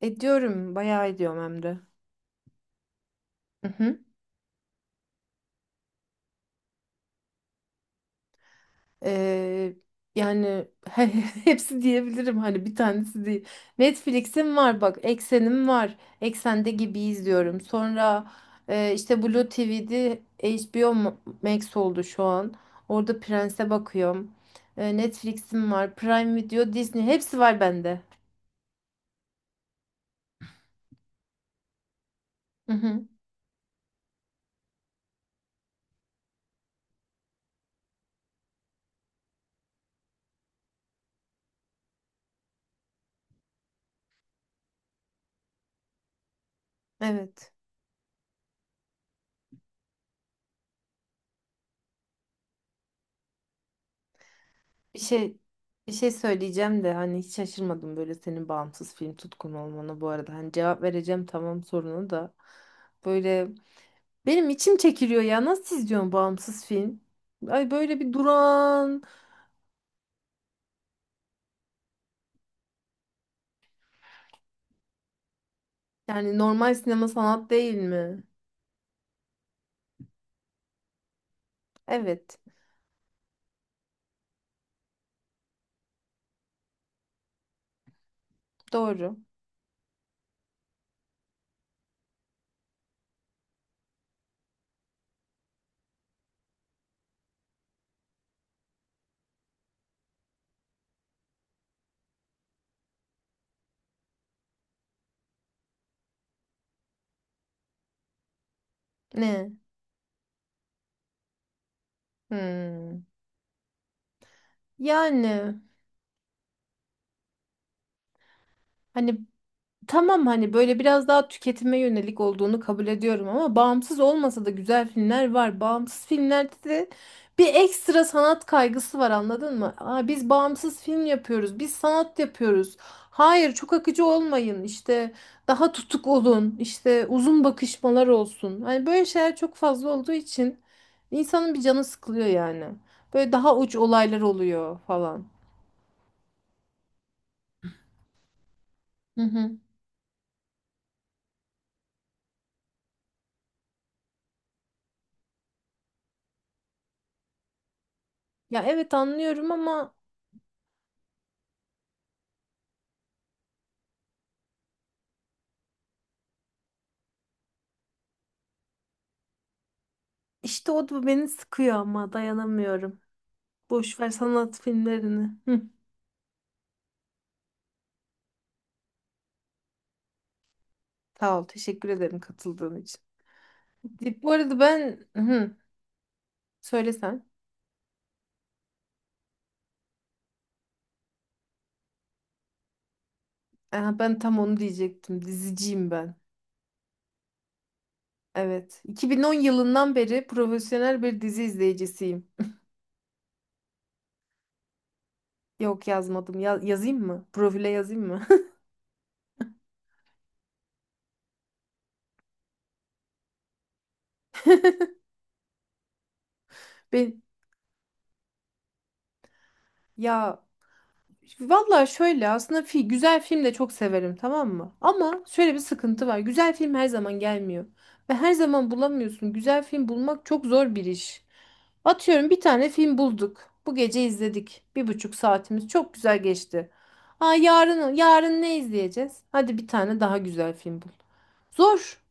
Ediyorum, bayağı ediyorum hem de. Hı hı. Ee, yani he- hepsi diyebilirim hani bir tanesi değil. Netflix'im var bak, Eksen'im var. Eksen'de gibi izliyorum. Sonra işte Blue TV'de HBO Max oldu şu an. Orada Prens'e bakıyorum. Netflix'im var, Prime Video, Disney hepsi var bende. Hı hı. Evet. Bir şey bir şey söyleyeceğim de hani hiç şaşırmadım böyle senin bağımsız film tutkun olmana bu arada. Hani cevap vereceğim, tamam, sorunu da. Böyle benim içim çekiliyor ya. Nasıl izliyorsun bağımsız film? Ay, böyle bir duran. Yani normal sinema sanat değil mi? Evet, doğru. Ne? Hmm. Yani, hani, tamam, hani böyle biraz daha tüketime yönelik olduğunu kabul ediyorum ama bağımsız olmasa da güzel filmler var. Bağımsız filmlerde de bir ekstra sanat kaygısı var, anladın mı? Aa, biz bağımsız film yapıyoruz, biz sanat yapıyoruz. Hayır, çok akıcı olmayın işte, daha tutuk olun işte, uzun bakışmalar olsun. Hani böyle şeyler çok fazla olduğu için insanın bir canı sıkılıyor yani. Böyle daha uç olaylar oluyor falan. Hı hı. Ya evet, anlıyorum ama İşte o da beni sıkıyor ama dayanamıyorum. Boş ver sanat filmlerini. Hı. Sağ ol, teşekkür ederim katıldığın için. Bu arada ben söylesen. Aha, ben tam onu diyecektim. Diziciyim ben. Evet. 2010 yılından beri profesyonel bir dizi izleyicisiyim. Yok, yazmadım. Yazayım mı? Profile yazayım mı? Ben, ya, valla şöyle aslında güzel film de çok severim, tamam mı? Ama şöyle bir sıkıntı var. Güzel film her zaman gelmiyor. Ve her zaman bulamıyorsun. Güzel film bulmak çok zor bir iş. Atıyorum, bir tane film bulduk. Bu gece izledik. 1,5 saatimiz çok güzel geçti. Aa, yarın ne izleyeceğiz? Hadi bir tane daha güzel film bul. Zor.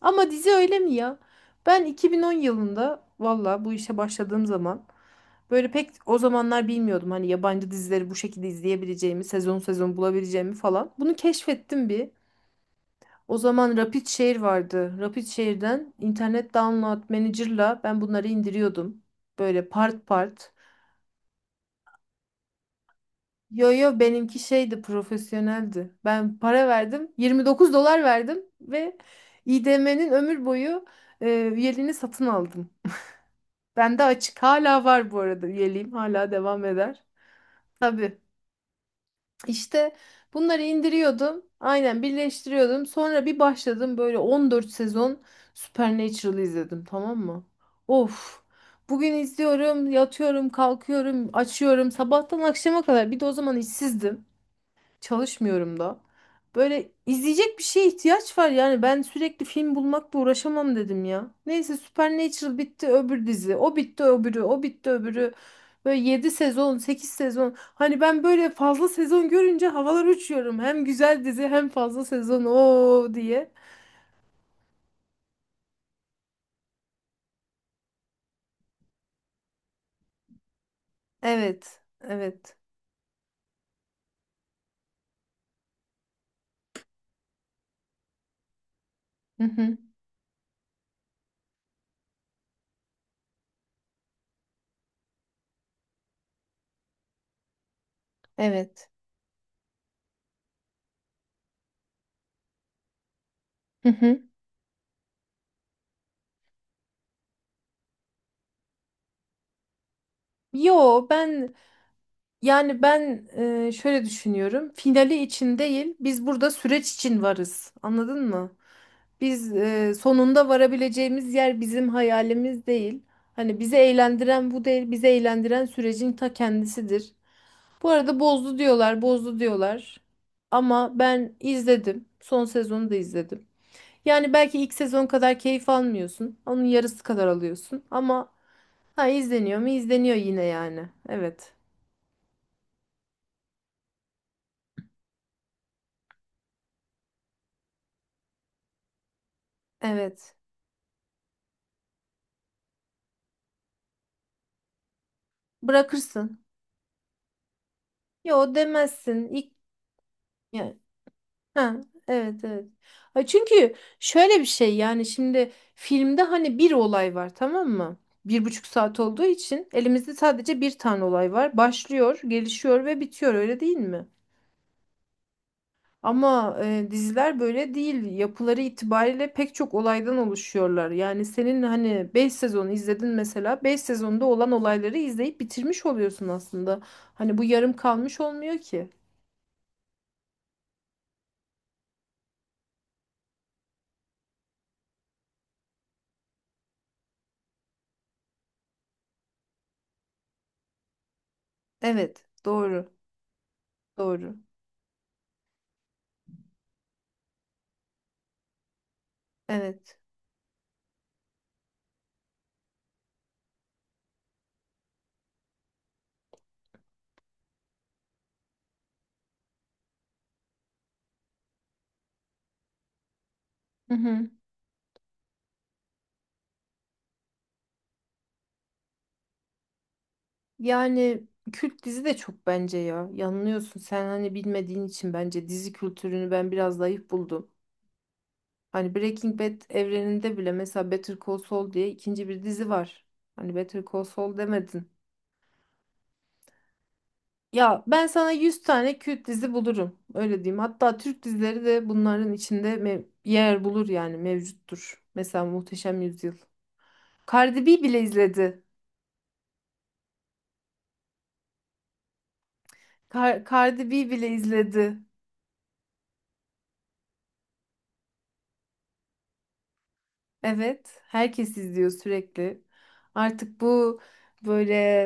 Ama dizi öyle mi ya? Ben 2010 yılında valla bu işe başladığım zaman, böyle pek o zamanlar bilmiyordum hani yabancı dizileri bu şekilde izleyebileceğimi, sezon sezon bulabileceğimi falan. Bunu keşfettim bir. O zaman RapidShare vardı. RapidShare'den internet download manager'la ben bunları indiriyordum. Böyle part part. Yo, yo, benimki şeydi, profesyoneldi. Ben para verdim. 29 dolar verdim ve IDM'nin ömür boyu e, üyeliğini satın aldım. Bende açık hala var, bu arada üyeliğim hala devam eder. Tabii işte bunları indiriyordum, aynen birleştiriyordum, sonra bir başladım böyle 14 sezon Supernatural izledim, tamam mı? Of, bugün izliyorum, yatıyorum, kalkıyorum, açıyorum, sabahtan akşama kadar, bir de o zaman işsizdim. Çalışmıyorum da. Böyle izleyecek bir şeye ihtiyaç var yani. Ben sürekli film bulmakla uğraşamam, dedim ya. Neyse, Supernatural bitti, öbür dizi. O bitti, öbürü. O bitti, öbürü. Böyle 7 sezon, 8 sezon. Hani ben böyle fazla sezon görünce havalar uçuyorum. Hem güzel dizi hem fazla sezon o diye. Evet. Evet. Hı hı. Evet. Hı hı. Yo, Yani ben şöyle düşünüyorum. Finali için değil, biz burada süreç için varız. Anladın mı? Biz sonunda varabileceğimiz yer bizim hayalimiz değil. Hani bizi eğlendiren bu değil, bizi eğlendiren sürecin ta kendisidir. Bu arada bozdu diyorlar, bozdu diyorlar. Ama ben izledim. Son sezonu da izledim. Yani belki ilk sezon kadar keyif almıyorsun. Onun yarısı kadar alıyorsun. Ama ha, izleniyor mu? İzleniyor yine yani. Evet. Evet. Bırakırsın. Yo, demezsin. İlk, ya- ha, evet, evet. Ha, çünkü şöyle bir şey yani, şimdi filmde hani bir olay var, tamam mı? 1,5 saat olduğu için elimizde sadece bir tane olay var. Başlıyor, gelişiyor ve bitiyor, öyle değil mi? Ama diziler böyle değil. Yapıları itibariyle pek çok olaydan oluşuyorlar. Yani senin hani 5 sezonu izledin, mesela 5 sezonda olan olayları izleyip bitirmiş oluyorsun aslında. Hani bu yarım kalmış olmuyor ki. Evet, doğru, doğru. Evet. Hı hı. Yani kült dizi de çok bence ya. Yanılıyorsun. Sen hani bilmediğin için, bence dizi kültürünü ben biraz zayıf buldum. Hani Breaking Bad evreninde bile mesela Better Call Saul diye ikinci bir dizi var. Hani Better Call Saul demedin. Ya ben sana 100 tane kült dizi bulurum. Öyle diyeyim. Hatta Türk dizileri de bunların içinde yer bulur yani, mevcuttur. Mesela Muhteşem Yüzyıl. Cardi B bile izledi. Cardi B bile izledi. Evet, herkes izliyor sürekli. Artık bu böyle,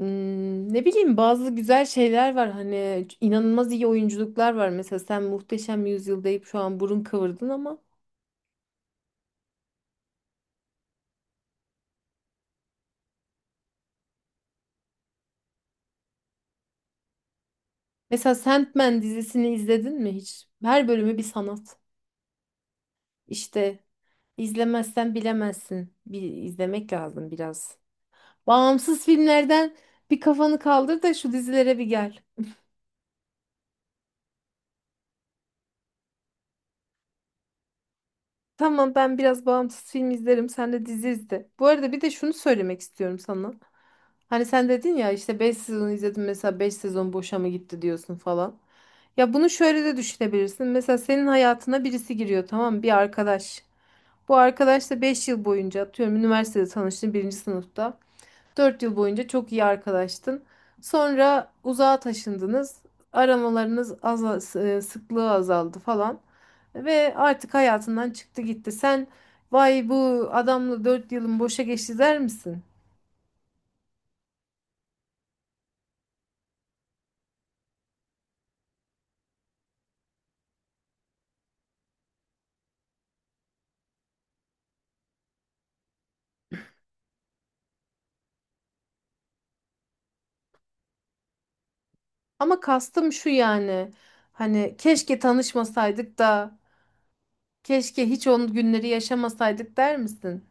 ne bileyim, bazı güzel şeyler var, hani inanılmaz iyi oyunculuklar var. Mesela sen Muhteşem Yüzyıl deyip şu an burun kıvırdın ama mesela Sandman dizisini izledin mi hiç? Her bölümü bir sanat. İşte izlemezsen bilemezsin. Bir izlemek lazım biraz. Bağımsız filmlerden bir kafanı kaldır da şu dizilere bir gel. Tamam, ben biraz bağımsız film izlerim. Sen de dizi izle. Bu arada bir de şunu söylemek istiyorum sana. Hani sen dedin ya işte 5 sezon izledim, mesela 5 sezon boşa mı gitti diyorsun falan. Ya bunu şöyle de düşünebilirsin. Mesela senin hayatına birisi giriyor, tamam mı? Bir arkadaş. Bu arkadaşla 5 yıl boyunca, atıyorum, üniversitede tanıştın birinci sınıfta. 4 yıl boyunca çok iyi arkadaştın. Sonra uzağa taşındınız. Aramalarınız, sıklığı azaldı falan. Ve artık hayatından çıktı gitti. Sen, "vay bu adamla 4 yılım boşa geçti" der misin? Ama kastım şu yani. Hani keşke tanışmasaydık da, keşke hiç onun günleri yaşamasaydık der misin?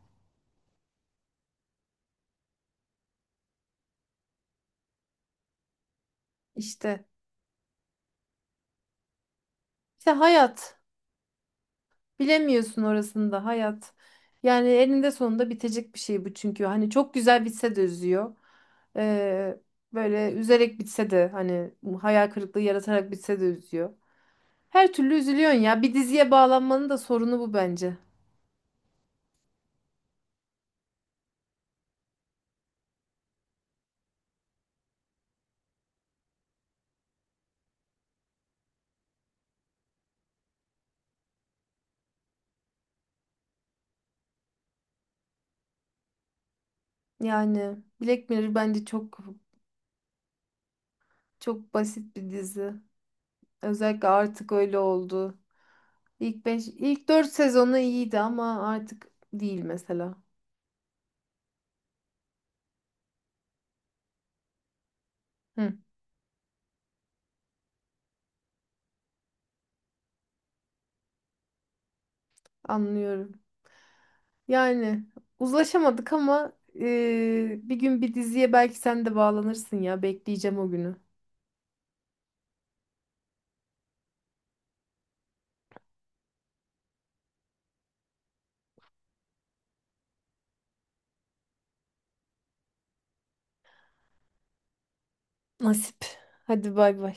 İşte. İşte hayat. Bilemiyorsun orasında hayat. Yani eninde sonunda bitecek bir şey bu çünkü. Hani çok güzel bitse de üzüyor. Ee, böyle üzerek bitse de, hani hayal kırıklığı yaratarak bitse de üzüyor. Her türlü üzülüyorsun ya. Bir diziye bağlanmanın da sorunu bu bence. Yani Black Mirror bence çok çok basit bir dizi. Özellikle artık öyle oldu. İlk 4 sezonu iyiydi ama artık değil mesela. Hı, anlıyorum. Yani uzlaşamadık ama bir gün bir diziye belki sen de bağlanırsın ya. Bekleyeceğim o günü. Nasip. Hadi bay bay.